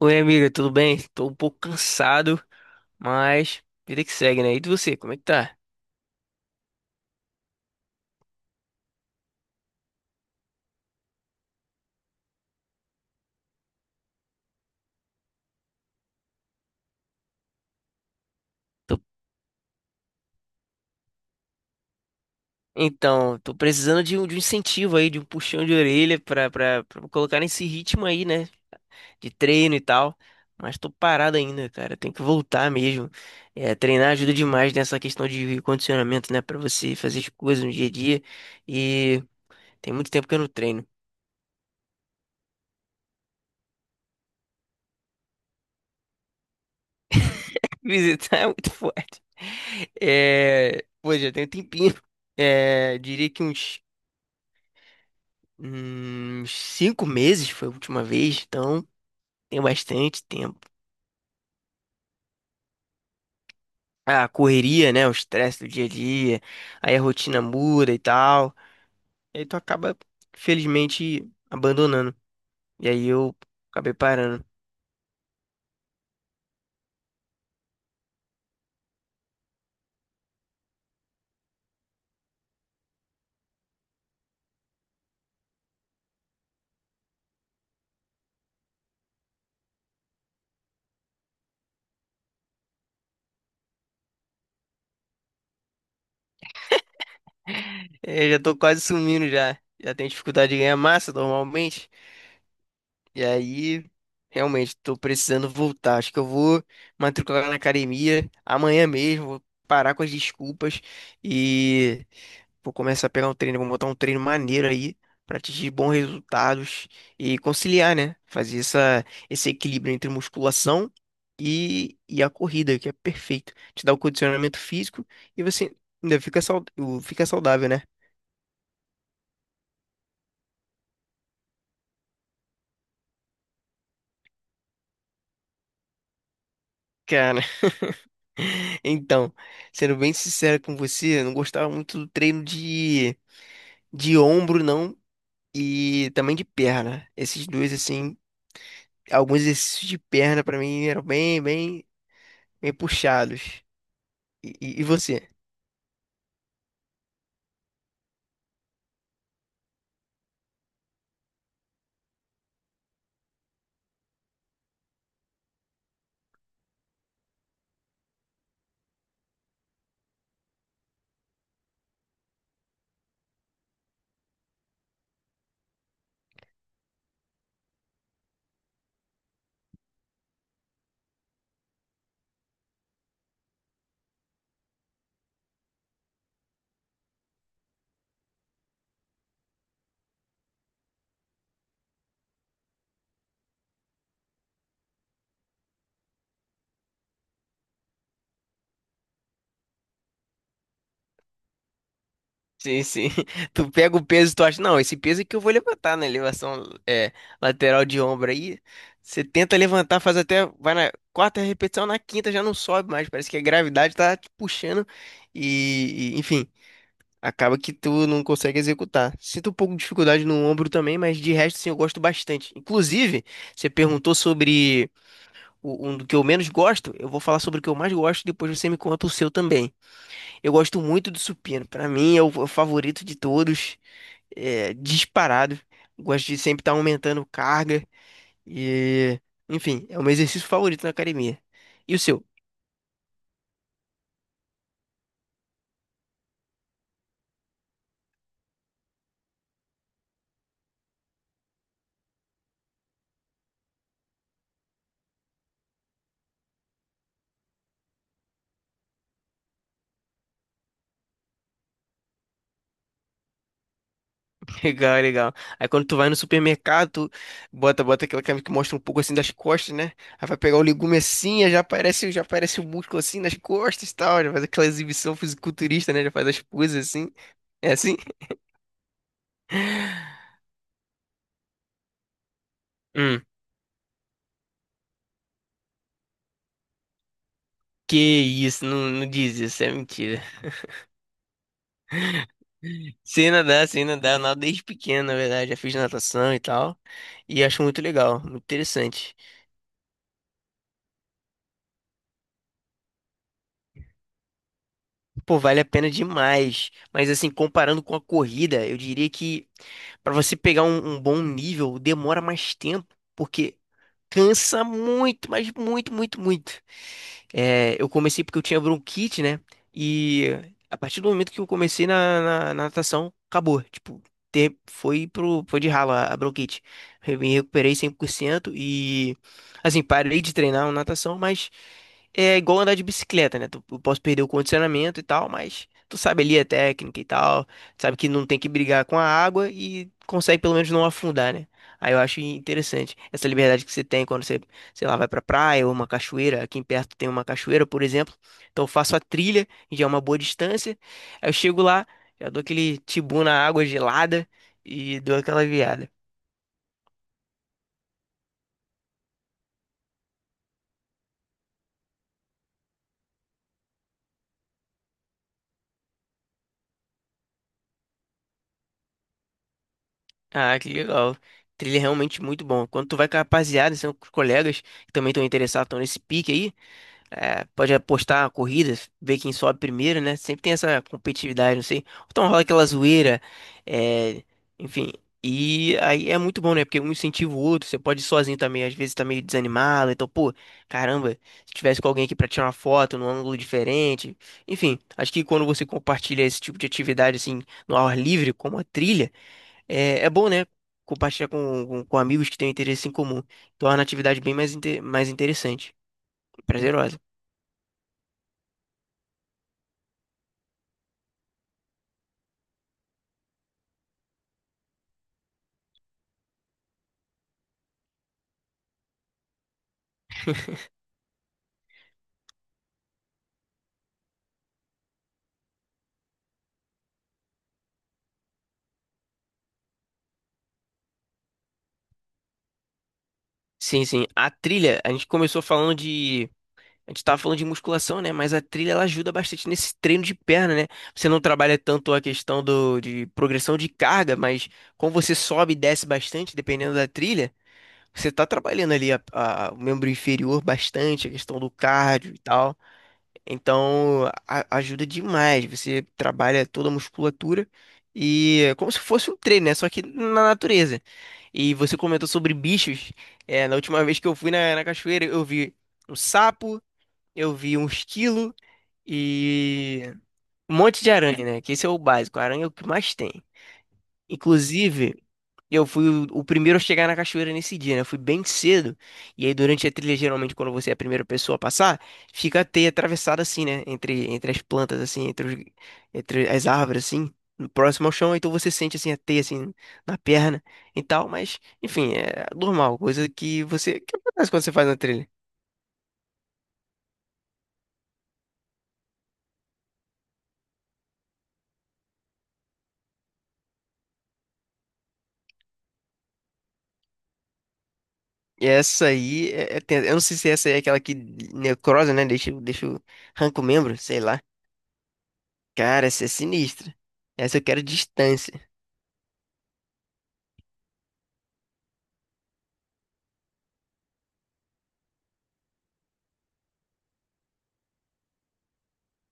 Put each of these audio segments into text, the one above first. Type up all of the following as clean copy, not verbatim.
Oi, amiga, tudo bem? Tô um pouco cansado, mas vida que segue, né? E de você, como é que tá? Tô. Então, tô precisando de um incentivo aí, de um puxão de orelha pra colocar nesse ritmo aí, né? De treino e tal. Mas tô parado ainda, cara. Tem que voltar mesmo. É, treinar ajuda demais nessa questão de condicionamento, né? Pra você fazer as coisas no dia a dia. E tem muito tempo que eu não treino. Visitar é muito forte. É, pô, já tem um tempinho. É, diria que uns cinco meses foi a última vez, então tem bastante tempo. A correria, né? O estresse do dia a dia, aí a rotina muda e tal. E aí tu acaba, felizmente, abandonando. E aí eu acabei parando. É, eu já tô quase sumindo já. Já tenho dificuldade de ganhar massa normalmente. E aí, realmente, tô precisando voltar. Acho que eu vou matricular na academia amanhã mesmo. Vou parar com as desculpas e vou começar a pegar um treino, vou montar um treino maneiro aí pra atingir bons resultados e conciliar, né? Fazer esse equilíbrio entre musculação e a corrida, que é perfeito. Te dá o condicionamento físico e você ainda fica, fica saudável, né? Cara, então, sendo bem sincero com você, eu não gostava muito do treino de ombro, não, e também de perna. Esses dois, assim, alguns exercícios de perna pra mim eram bem puxados. E você? Sim, sim. Tu pega o peso e tu acha, não, esse peso aqui eu vou levantar na elevação lateral de ombro aí. Você tenta levantar, faz até, vai na quarta repetição, na quinta já não sobe mais. Parece que a gravidade tá te puxando enfim, acaba que tu não consegue executar. Sinto um pouco de dificuldade no ombro também, mas de resto, sim, eu gosto bastante. Inclusive, você perguntou sobre um do que eu menos gosto, eu vou falar sobre o que eu mais gosto, depois você me conta o seu também. Eu gosto muito do supino, pra mim é o favorito de todos, é, disparado. Gosto de sempre estar aumentando carga e, enfim, é o meu exercício favorito na academia. E o seu? Legal, legal. Aí quando tu vai no supermercado, tu bota aquela câmera que mostra um pouco assim das costas, né? Aí vai pegar o legume assim, aí já aparece o músculo assim nas costas e tal, já faz aquela exibição fisiculturista, né? Já faz as poses assim. É assim? Que isso, não diz isso, é mentira. Sei nadar, eu nado desde pequeno, na verdade, já fiz natação e tal. E acho muito legal, muito interessante. Pô, vale a pena demais. Mas assim, comparando com a corrida, eu diria que pra você pegar um bom nível, demora mais tempo, porque cansa muito, mas muito, muito, muito. É, eu comecei porque eu tinha bronquite, né? E a partir do momento que eu comecei na natação, acabou. Tipo, foi de ralo a bronquite. Eu me recuperei 100% e, assim, parei de treinar natação, mas é igual andar de bicicleta, né? Eu posso perder o condicionamento e tal, mas tu sabe ali a técnica e tal, tu sabe que não tem que brigar com a água e consegue pelo menos não afundar, né? Aí eu acho interessante essa liberdade que você tem quando você, sei lá, vai pra praia ou uma cachoeira. Aqui em perto tem uma cachoeira, por exemplo. Então eu faço a trilha, que já é uma boa distância. Aí eu chego lá, já dou aquele tibu na água gelada e dou aquela viada. Ah, que legal. Trilha é realmente muito bom. Quando tu vai com a rapaziada, são com os colegas que também estão interessados, estão nesse pique aí. É, pode apostar corridas, ver quem sobe primeiro, né? Sempre tem essa competitividade, não sei. Então rola aquela zoeira, é, enfim. E aí é muito bom, né? Porque um incentiva o outro, você pode ir sozinho também, às vezes tá meio desanimado, então, pô, caramba, se tivesse com alguém aqui pra tirar uma foto num ângulo diferente. Enfim, acho que quando você compartilha esse tipo de atividade, assim, no ar livre, como a trilha, é, é bom, né? Compartilhar com amigos que têm interesse em comum. Torna a atividade bem mais, mais interessante, prazerosa. Sim, sim. A trilha, a gente começou falando de. A gente tava falando de musculação, né? Mas a trilha ela ajuda bastante nesse treino de perna, né? Você não trabalha tanto a questão de progressão de carga, mas como você sobe e desce bastante, dependendo da trilha, você tá trabalhando ali o membro inferior bastante, a questão do cardio e tal. Então, ajuda demais. Você trabalha toda a musculatura e é como se fosse um treino, né? Só que na natureza. E você comentou sobre bichos. É, na última vez que eu fui na cachoeira, eu vi um sapo, eu vi um esquilo e um monte de aranha, né? Que esse é o básico. A aranha é o que mais tem. Inclusive, e eu fui o primeiro a chegar na cachoeira nesse dia, né? Eu fui bem cedo. E aí, durante a trilha, geralmente, quando você é a primeira pessoa a passar, fica a teia atravessada assim, né? Entre as plantas, assim, entre as árvores, assim, próximo ao chão. Então você sente, assim, a teia, assim, na perna e tal. Mas, enfim, é normal, coisa que você, que acontece quando você faz uma trilha? E essa aí, é tensa. Eu não sei se essa aí é aquela que necrosa, né? Arranca o membro, sei lá. Cara, essa é sinistra. Essa eu quero distância.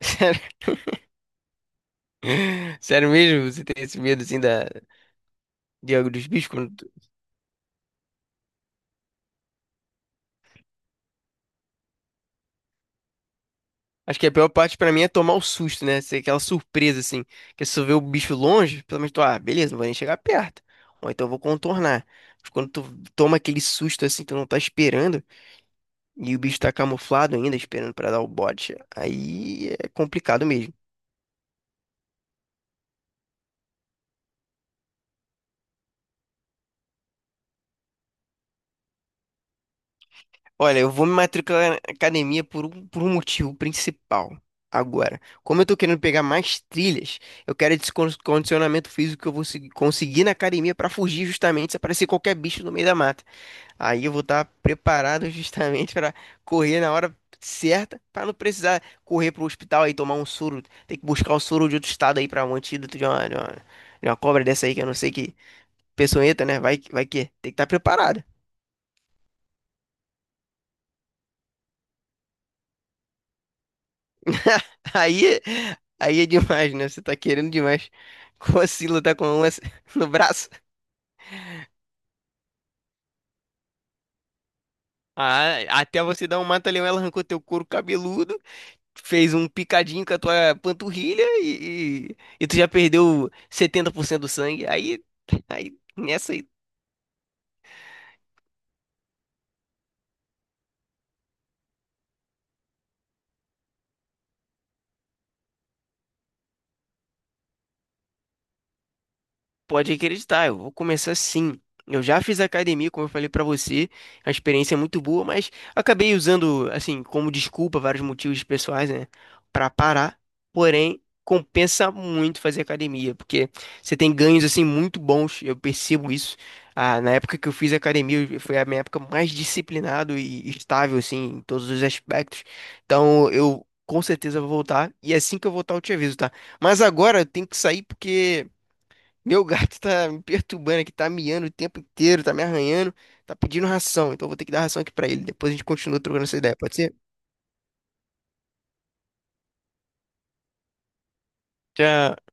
Sério mesmo? Você tem esse medo assim da... de algo dos bichos? Acho que a pior parte pra mim é tomar o susto, né? Ser aquela surpresa assim. Que se tu vê o bicho longe, pelo menos tu, ah, beleza, não vou nem chegar perto. Ou então eu vou contornar. Mas quando tu toma aquele susto assim, tu não tá esperando, e o bicho tá camuflado ainda, esperando pra dar o bote, aí é complicado mesmo. Olha, eu vou me matricular na academia por um motivo principal. Agora, como eu tô querendo pegar mais trilhas, eu quero esse condicionamento físico que eu vou conseguir na academia para fugir justamente se aparecer qualquer bicho no meio da mata. Aí eu vou estar preparado justamente para correr na hora certa, para não precisar correr pro hospital aí tomar um soro, ter que buscar o soro de outro estado aí para um antídoto de uma cobra dessa aí que eu não sei que peçonhenta, né? Vai, vai que tem que estar preparado. Aí, aí é demais, né? Você tá querendo demais. Como assim lutar com a lança no braço? Ah, até você dar um mata-leão, ela arrancou teu couro cabeludo, fez um picadinho com a tua panturrilha e tu já perdeu 70% do sangue. Aí, aí nessa. Pode acreditar, eu vou começar sim. Eu já fiz academia, como eu falei pra você, a experiência é muito boa, mas acabei usando, assim, como desculpa, vários motivos pessoais, né, pra parar. Porém, compensa muito fazer academia, porque você tem ganhos, assim, muito bons, eu percebo isso. Ah, na época que eu fiz academia, foi a minha época mais disciplinado e estável, assim, em todos os aspectos. Então, eu com certeza vou voltar, e assim que eu voltar, eu te aviso, tá? Mas agora eu tenho que sair porque. Meu gato tá me perturbando aqui, tá miando o tempo inteiro, tá me arranhando, tá pedindo ração. Então eu vou ter que dar ração aqui pra ele. Depois a gente continua trocando essa ideia, pode ser? Tchau.